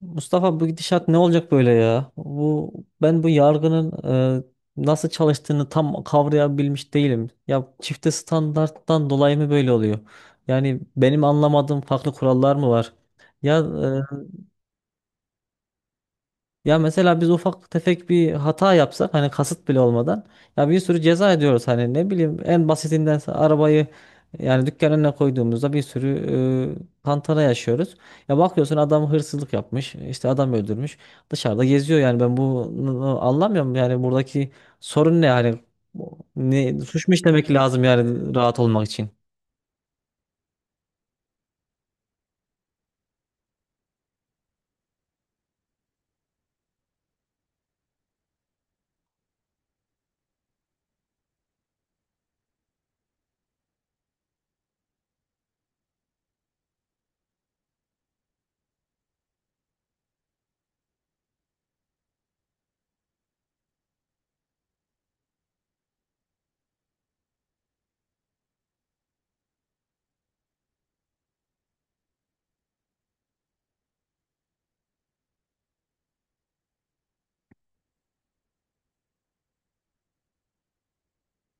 Mustafa, bu gidişat ne olacak böyle ya? Bu, ben bu yargının e, nasıl çalıştığını tam kavrayabilmiş değilim. Ya çifte standarttan dolayı mı böyle oluyor? Yani benim anlamadığım farklı kurallar mı var? Ya e, ya mesela biz ufak tefek bir hata yapsak, hani kasıt bile olmadan ya, bir sürü ceza ediyoruz. Hani ne bileyim, en basitinden arabayı, yani dükkan önüne koyduğumuzda bir sürü tantana yaşıyoruz. Ya bakıyorsun, adam hırsızlık yapmış, işte adam öldürmüş, dışarıda geziyor. Yani ben bunu anlamıyorum. Yani buradaki sorun ne hani? Suç mu işlemek lazım yani rahat olmak için?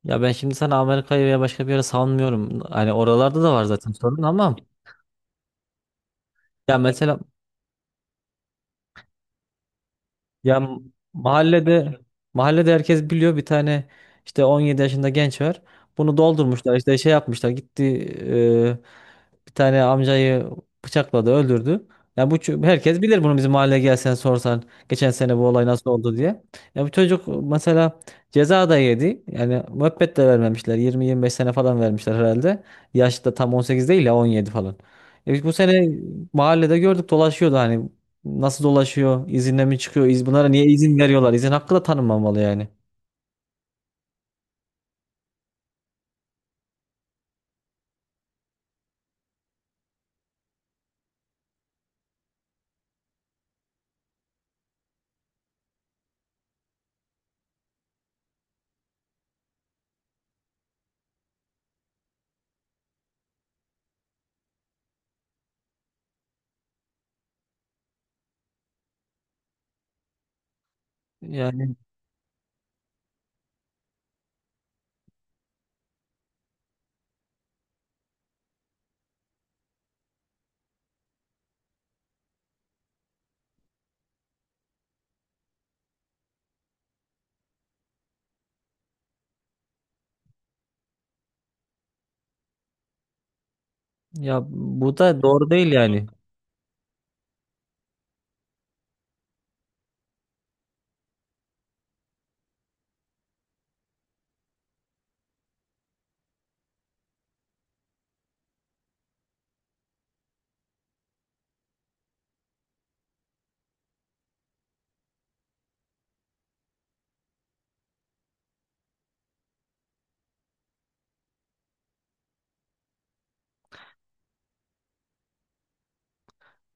Ya ben şimdi sana Amerika'yı veya başka bir yere savunmuyorum. Hani oralarda da var zaten sorun, ama ya mesela, Ya m- mahallede, mahallede herkes biliyor, bir tane işte 17 yaşında genç var. Bunu doldurmuşlar, işte şey yapmışlar, gitti e, bir tane amcayı bıçakladı, öldürdü. Ya bu herkes bilir bunu, bizim mahalleye gelsen sorsan geçen sene bu olay nasıl oldu diye. Ya bu çocuk mesela ceza da yedi. Yani müebbet de vermemişler, 20-25 sene falan vermişler herhalde. Yaş da tam 18 değil ya, 17 falan. E biz bu sene mahallede gördük, dolaşıyordu hani. Nasıl dolaşıyor? İzinle mi çıkıyor? İz, bunlara niye izin veriyorlar? İzin hakkı da tanınmamalı yani. Yani ya, bu da doğru değil yani.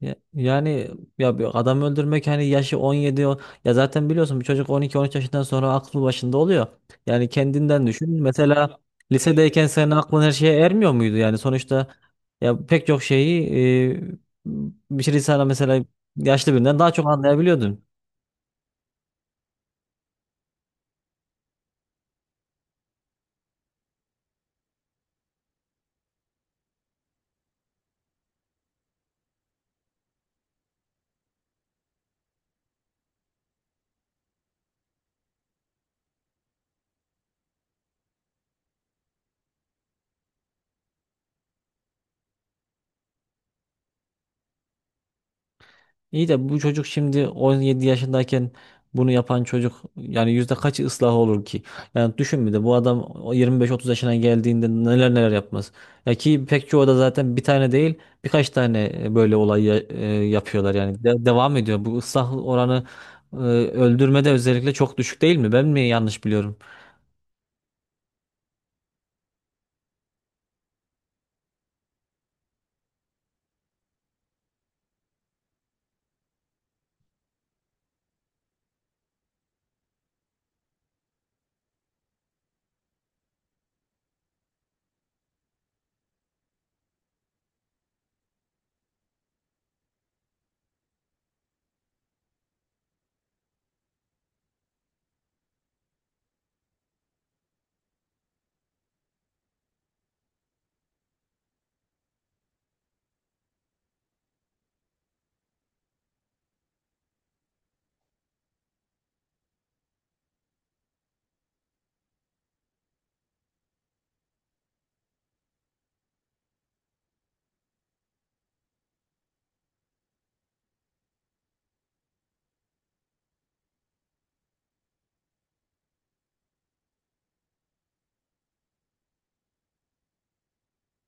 Yani bir adam öldürmek, hani yaşı 17 ya zaten biliyorsun, bir çocuk 12-13 yaşından sonra aklı başında oluyor. Yani kendinden düşün. Mesela lisedeyken senin aklın her şeye ermiyor muydu? Yani sonuçta ya pek çok şeyi, e, bir şey sana mesela yaşlı birinden daha çok anlayabiliyordun. İyi de bu çocuk şimdi 17 yaşındayken, bunu yapan çocuk yani yüzde kaçı ıslah olur ki? Yani düşün, bir de bu adam o 25-30 yaşına geldiğinde neler neler yapmaz. Ya ki pek çoğu da zaten bir tane değil, birkaç tane böyle olay yapıyorlar yani. Devam ediyor. Bu ıslah oranı e, öldürmede özellikle çok düşük değil mi? Ben mi yanlış biliyorum?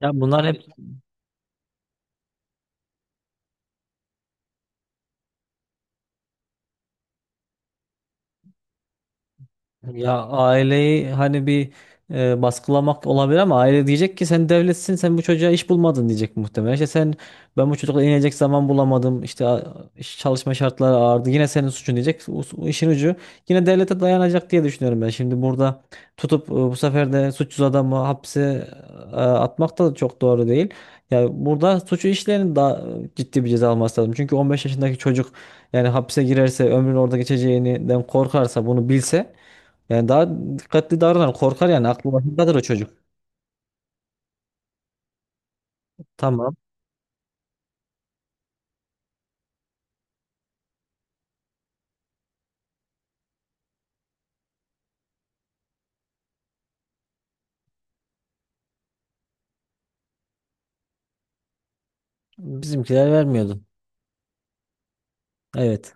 Ya bunlar hep. Ya aileyi hani bir baskılamak olabilir, ama aile diyecek ki sen devletsin, sen bu çocuğa iş bulmadın, diyecek muhtemelen. İşte sen, ben bu çocukla inecek zaman bulamadım, işte çalışma şartları ağırdı, yine senin suçun diyecek. O işin ucu yine devlete dayanacak diye düşünüyorum ben. Şimdi burada tutup bu sefer de suçsuz adamı hapse atmak da çok doğru değil. Ya burada suçu işleyenin daha ciddi bir ceza alması lazım. Çünkü 15 yaşındaki çocuk yani hapse girerse ömrünü orada geçeceğinden korkarsa, bunu bilse, yani daha dikkatli davranan korkar, yani aklı başındadır o çocuk. Tamam. Bizimkiler vermiyordu. Evet.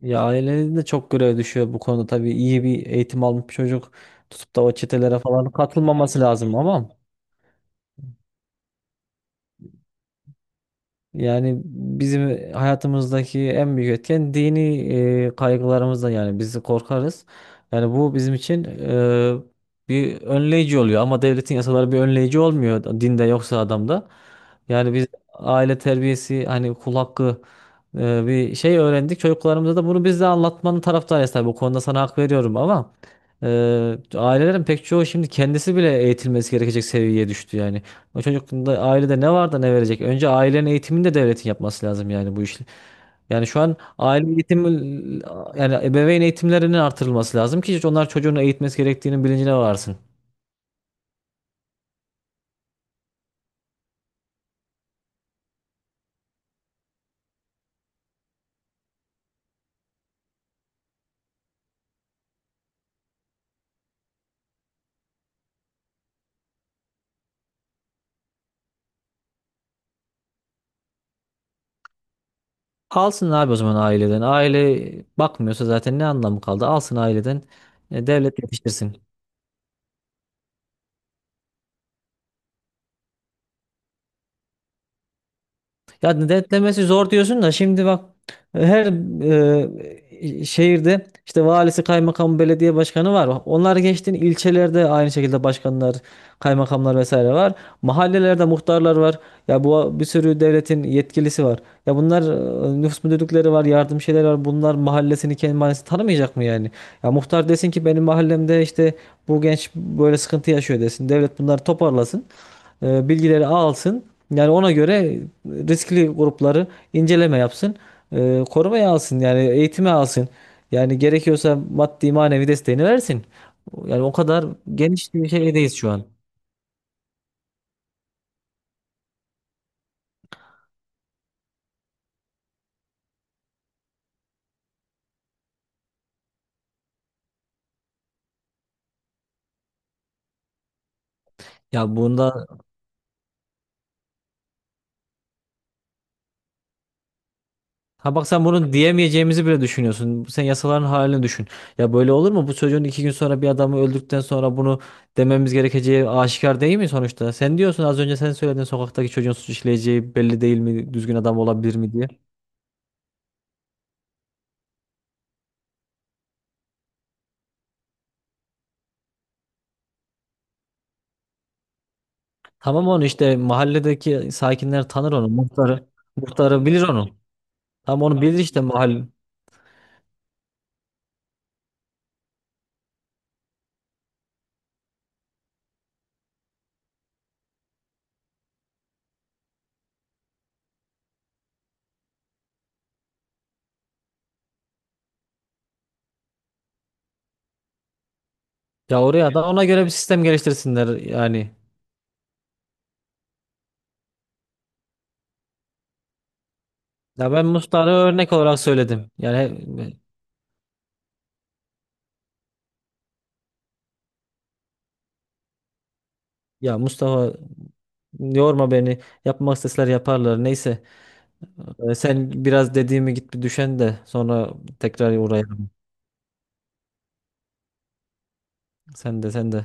Ya ailenin de çok görev düşüyor bu konuda tabii. İyi bir eğitim almış bir çocuk tutup da o çetelere falan katılmaması lazım, ama yani bizim hayatımızdaki en büyük etken dini kaygılarımızdan, yani biz korkarız. Yani bu bizim için bir önleyici oluyor, ama devletin yasaları bir önleyici olmuyor. Dinde yoksa adamda. Yani biz aile terbiyesi, hani kul hakkı bir şey öğrendik. Çocuklarımıza da bunu biz de anlatmanın taraftarıyız tabii. Bu konuda sana hak veriyorum, ama e, ailelerin pek çoğu şimdi kendisi bile eğitilmesi gerekecek seviyeye düştü yani. O çocuk da ailede ne var da ne verecek? Önce ailenin eğitimini de devletin yapması lazım, yani bu işi. Yani şu an aile eğitimi, yani ebeveyn eğitimlerinin artırılması lazım ki onlar çocuğunu eğitmesi gerektiğinin bilincine varsın. Alsın abi o zaman aileden. Aile bakmıyorsa zaten ne anlamı kaldı? Alsın aileden. Devlet yetiştirsin. Ya denetlemesi zor diyorsun da şimdi bak, her şehirde işte valisi, kaymakamı, belediye başkanı var. Onlar geçtin, ilçelerde aynı şekilde başkanlar, kaymakamlar vesaire var. Mahallelerde muhtarlar var. Ya bu bir sürü devletin yetkilisi var. Ya bunlar, nüfus müdürlükleri var, yardım şeyler var. Bunlar mahallesini, kendi mahallesini tanımayacak mı yani? Ya muhtar desin ki benim mahallemde işte bu genç böyle sıkıntı yaşıyor, desin. Devlet bunları toparlasın, bilgileri alsın. Yani ona göre riskli grupları inceleme yapsın. E, korumaya alsın, yani eğitime alsın. Yani gerekiyorsa maddi manevi desteğini versin. Yani o kadar geniş bir şeydeyiz şu an. Ya bunda, ha bak, sen bunu diyemeyeceğimizi bile düşünüyorsun. Sen yasaların halini düşün. Ya böyle olur mu? Bu çocuğun iki gün sonra bir adamı öldükten sonra bunu dememiz gerekeceği aşikar değil mi sonuçta? Sen diyorsun, az önce sen söyledin, sokaktaki çocuğun suç işleyeceği belli değil mi, düzgün adam olabilir mi diye. Tamam, onu işte mahalledeki sakinler tanır onu. Muhtarı, muhtarı bilir onu. Tam onu bilir işte mahalle. Ya oraya da ona göre bir sistem geliştirsinler yani. Ya ben Mustafa'ya örnek olarak söyledim. Yani ya Mustafa, yorma beni. Yapmak isteseler yaparlar. Neyse. Sen biraz dediğimi git bir düşen de sonra tekrar uğrayalım. Sen de, sen de.